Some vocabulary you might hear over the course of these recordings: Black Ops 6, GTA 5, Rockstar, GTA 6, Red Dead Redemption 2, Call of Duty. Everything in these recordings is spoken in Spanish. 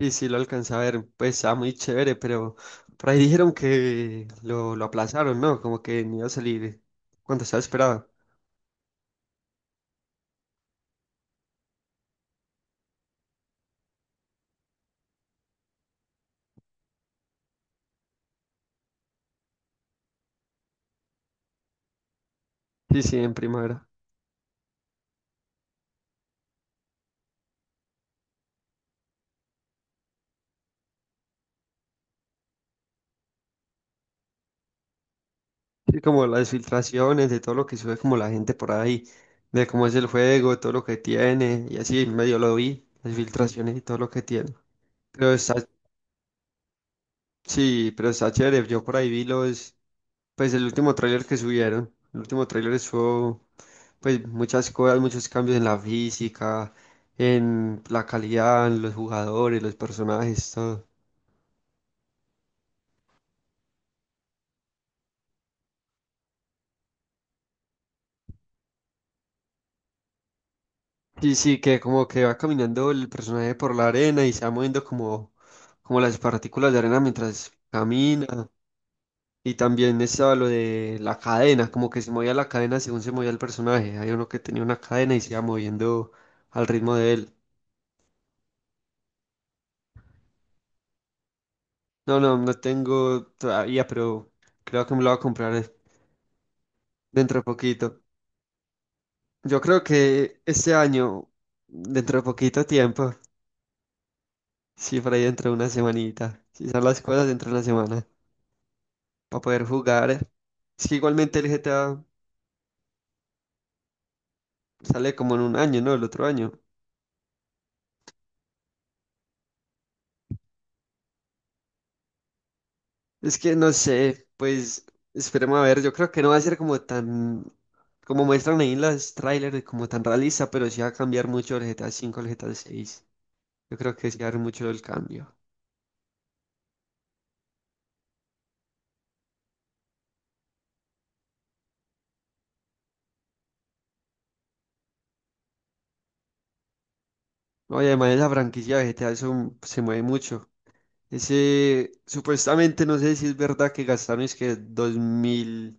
Y sí, lo alcancé a ver, pues estaba muy chévere, pero por ahí dijeron que lo aplazaron, ¿no? Como que no iba a salir cuando estaba esperado. Sí, sí, en primavera. Sí, como las filtraciones de todo lo que sube como la gente por ahí, de cómo es el juego, todo lo que tiene, y así medio lo vi, las filtraciones y todo lo que tiene. Pero está, sí, pero está chévere, yo por ahí vi pues el último tráiler que subieron, el último tráiler estuvo, pues muchas cosas, muchos cambios en la física, en la calidad, en los jugadores, los personajes, todo. Sí, sí, que como que va caminando el personaje por la arena y se va moviendo como las partículas de arena mientras camina. Y también estaba lo de la cadena, como que se movía la cadena según se movía el personaje. Hay uno que tenía una cadena y se iba moviendo al ritmo de él. No, no, no tengo todavía, pero creo que me lo voy a comprar dentro de poquito. Yo creo que este año, dentro de poquito tiempo, sí, por ahí dentro de una semanita, si son las cosas dentro de una semana, para poder jugar. Es que igualmente el GTA sale como en un año, ¿no? El otro año. Es que no sé, pues esperemos a ver, yo creo que no va a ser como tan, como muestran ahí en las trailers, como tan realista, pero sí va a cambiar mucho el GTA cinco, al GTA seis. Yo creo que sí va a haber mucho el cambio. No, y además esa franquicia vegetal se mueve mucho. Ese, supuestamente, no sé si es verdad que gastaron es que dos mil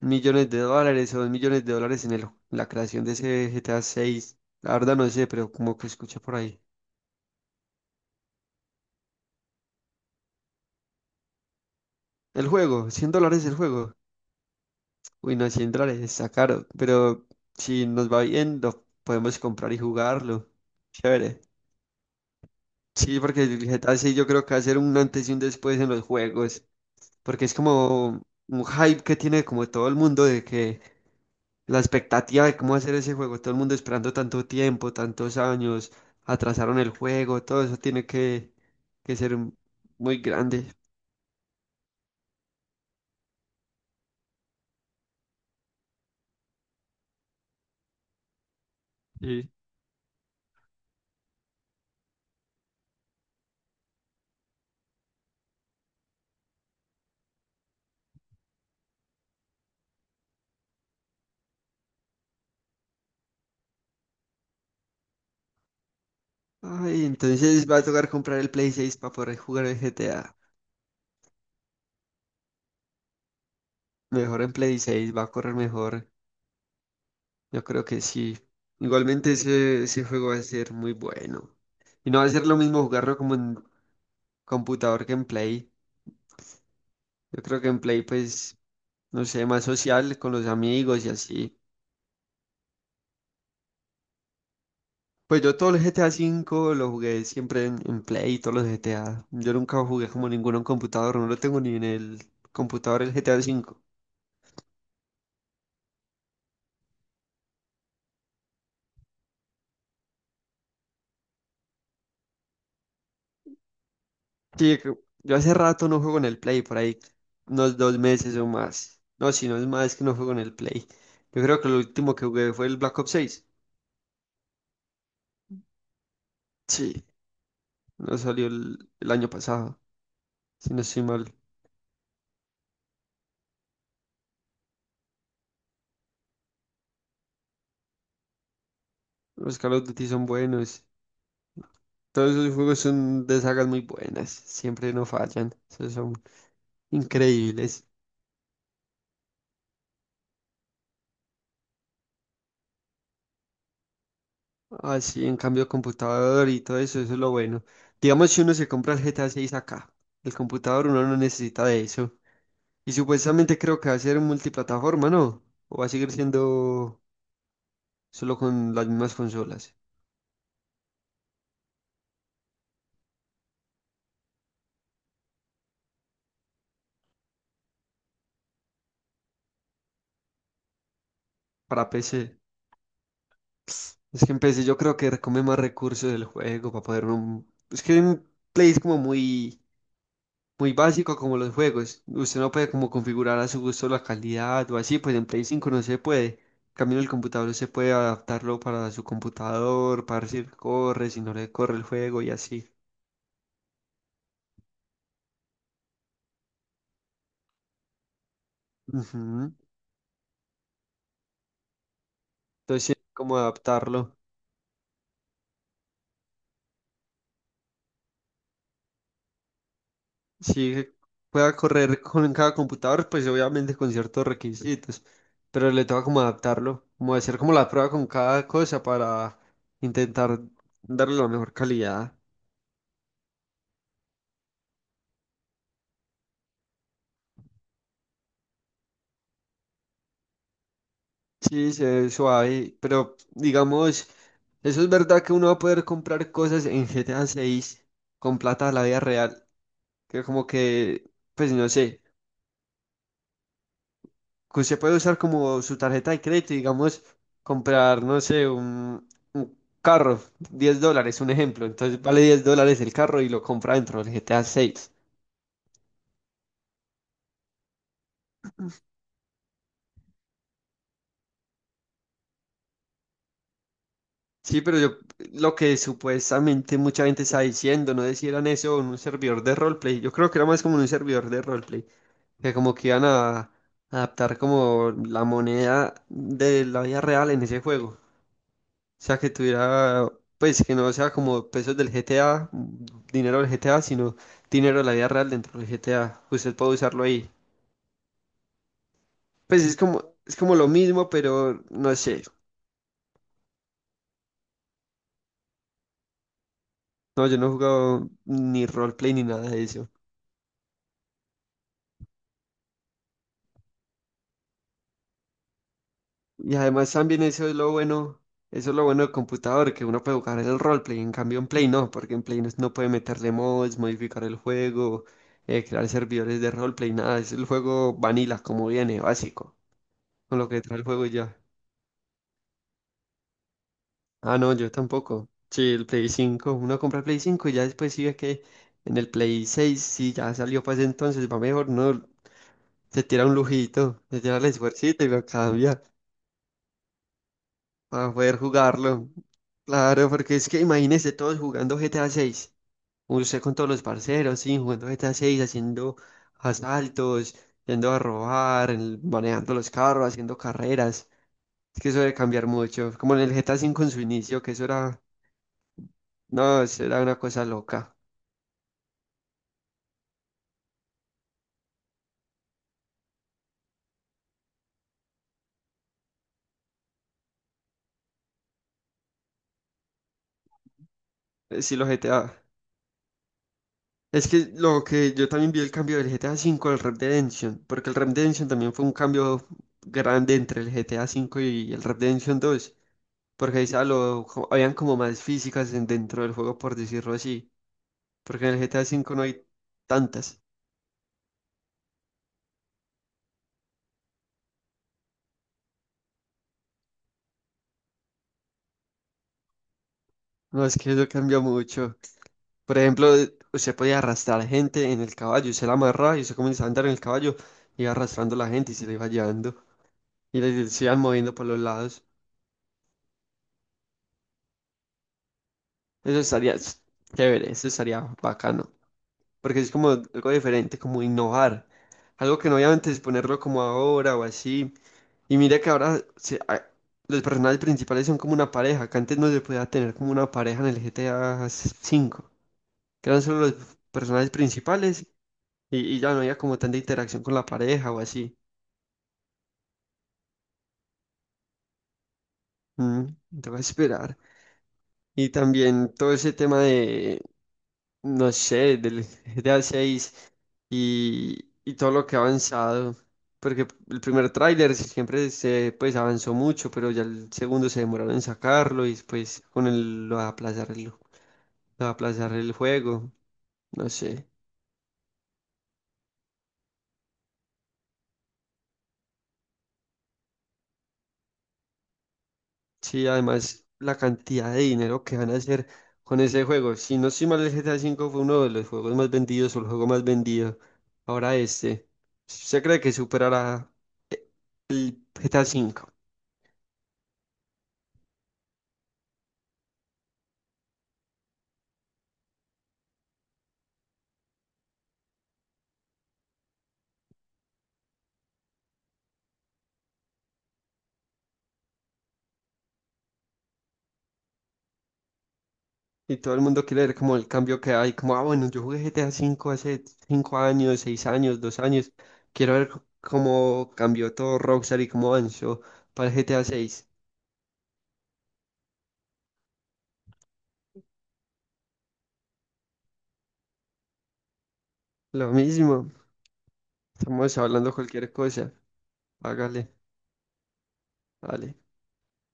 millones de dólares o 2 millones de dólares en la creación de ese GTA 6. La verdad no sé, pero como que escuché por ahí. El juego, $100 el juego. Uy, no, $100 está caro, pero si nos va bien, lo podemos comprar y jugarlo. Chévere. Sí, porque el GTA 6 yo creo que va a ser un antes y un después en los juegos, porque es como un hype que tiene como todo el mundo, de que la expectativa de cómo hacer ese juego, todo el mundo esperando tanto tiempo, tantos años, atrasaron el juego, todo eso tiene que ser muy grande. Sí. Ay, entonces va a tocar comprar el Play 6 para poder jugar el GTA. Mejor en Play 6 va a correr mejor. Yo creo que sí. Igualmente ese juego va a ser muy bueno. Y no va a ser lo mismo jugarlo como en computador que en Play. Yo creo que en Play pues no sé, más social con los amigos y así. Pues yo todo el GTA V lo jugué siempre en Play, todos los GTA. Yo nunca jugué como ninguno en computador, no lo tengo ni en el computador el GTA V. Sí, yo hace rato no juego en el Play, por ahí unos 2 meses o más. No, si no es más que no juego en el Play. Yo creo que lo último que jugué fue el Black Ops 6. Sí, no salió el año pasado, si no estoy mal. Los Call of Duty son buenos. Todos esos juegos son de sagas muy buenas, siempre no fallan, esos son increíbles. Así, en cambio, computador y todo eso, eso es lo bueno. Digamos, si uno se compra el GTA 6 acá, el computador uno no necesita de eso. Y supuestamente creo que va a ser multiplataforma, ¿no? O va a seguir siendo solo con las mismas consolas, para PC. Es que en PC yo creo que come más recursos del juego para poder... Es que en Play es como muy muy básico como los juegos. Usted no puede como configurar a su gusto la calidad o así, pues en Play 5 no se puede. En cambio, en el computador se puede adaptarlo para su computador, para ver si le corre, si no le corre el juego y así. Ujú. Entonces, sí, como adaptarlo. Si pueda correr con cada computador, pues obviamente con ciertos requisitos, pero le toca como adaptarlo, como hacer como la prueba con cada cosa para intentar darle la mejor calidad. Sí, se ve suave, pero digamos, eso es verdad que uno va a poder comprar cosas en GTA 6 con plata de la vida real, que como que, pues no sé, que usted puede usar como su tarjeta de crédito, y, digamos, comprar, no sé, un, carro, $10, un ejemplo, entonces vale $10 el carro y lo compra dentro del GTA 6. Sí, pero yo, lo que supuestamente mucha gente está diciendo, no decían eso en un servidor de roleplay, yo creo que era más como en un servidor de roleplay, que como que iban a adaptar como la moneda de la vida real en ese juego. O sea, que tuviera, pues que no sea como pesos del GTA, dinero del GTA, sino dinero de la vida real dentro del GTA. Usted puede usarlo ahí. Pues es como lo mismo, pero no sé. No, yo no he jugado ni roleplay ni nada de eso. Y además también eso es lo bueno, eso es lo bueno del computador, que uno puede jugar el roleplay, en cambio en Play no, porque en Play no, no puede meterle mods, modificar el juego, crear servidores de roleplay, nada, es el juego vanilla como viene, básico, con lo que trae el juego y ya. Ah, no, yo tampoco. Sí, el Play 5 uno compra el Play 5 y ya después sí ve que en el Play seis, si ya salió para ese entonces, va mejor, no, se tira un lujito, se tira el esfuercito y lo cambia, para poder jugarlo. Claro, porque es que imagínese todos jugando GTA 6. Usted con todos los parceros, sí, jugando GTA 6, haciendo asaltos, yendo a robar, manejando los carros, haciendo carreras. Es que eso debe cambiar mucho. Como en el GTA 5 en su inicio, que eso era, no, eso era una cosa loca. Sí, los GTA. Es que lo que yo también vi el cambio del GTA 5 al Red Dead Redemption, porque el Red Dead Redemption también fue un cambio grande entre el GTA 5 y el Red Dead Redemption 2. Porque ahí habían como más físicas dentro del juego, por decirlo así. Porque en el GTA V no hay tantas. No, es que eso cambió mucho. Por ejemplo, usted podía arrastrar gente en el caballo, usted la amarraba y usted comenzaba a andar en el caballo, iba arrastrando a la gente y se la iba llevando. Y les se iban moviendo por los lados. Eso estaría chévere, eso estaría bacano. Porque es como algo diferente, como innovar. Algo que no obviamente es ponerlo como ahora o así. Y mira que ahora los personajes principales son como una pareja, que antes no se podía tener como una pareja en el GTA cinco, que eran solo los personajes principales y ya no había como tanta interacción con la pareja o así. Mm, Tengo que esperar. Y también todo ese tema de no sé, del GTA 6 y todo lo que ha avanzado. Porque el primer tráiler siempre se pues avanzó mucho, pero ya el segundo se demoraron en sacarlo y después con el lo de aplazar lo de aplazar el juego. No sé. Sí, además la cantidad de dinero que van a hacer con ese juego. Si no estoy mal, el GTA 5 fue uno de los juegos más vendidos o el juego más vendido. Ahora este. ¿Usted cree que superará eh, GTA V? Y todo el mundo quiere ver como el cambio que hay, como, ah, bueno, yo jugué GTA V hace 5 años, 6 años, 2 años, quiero ver cómo cambió todo Rockstar y cómo avanzó para el GTA VI. Lo mismo, estamos hablando cualquier cosa, hágale, dale.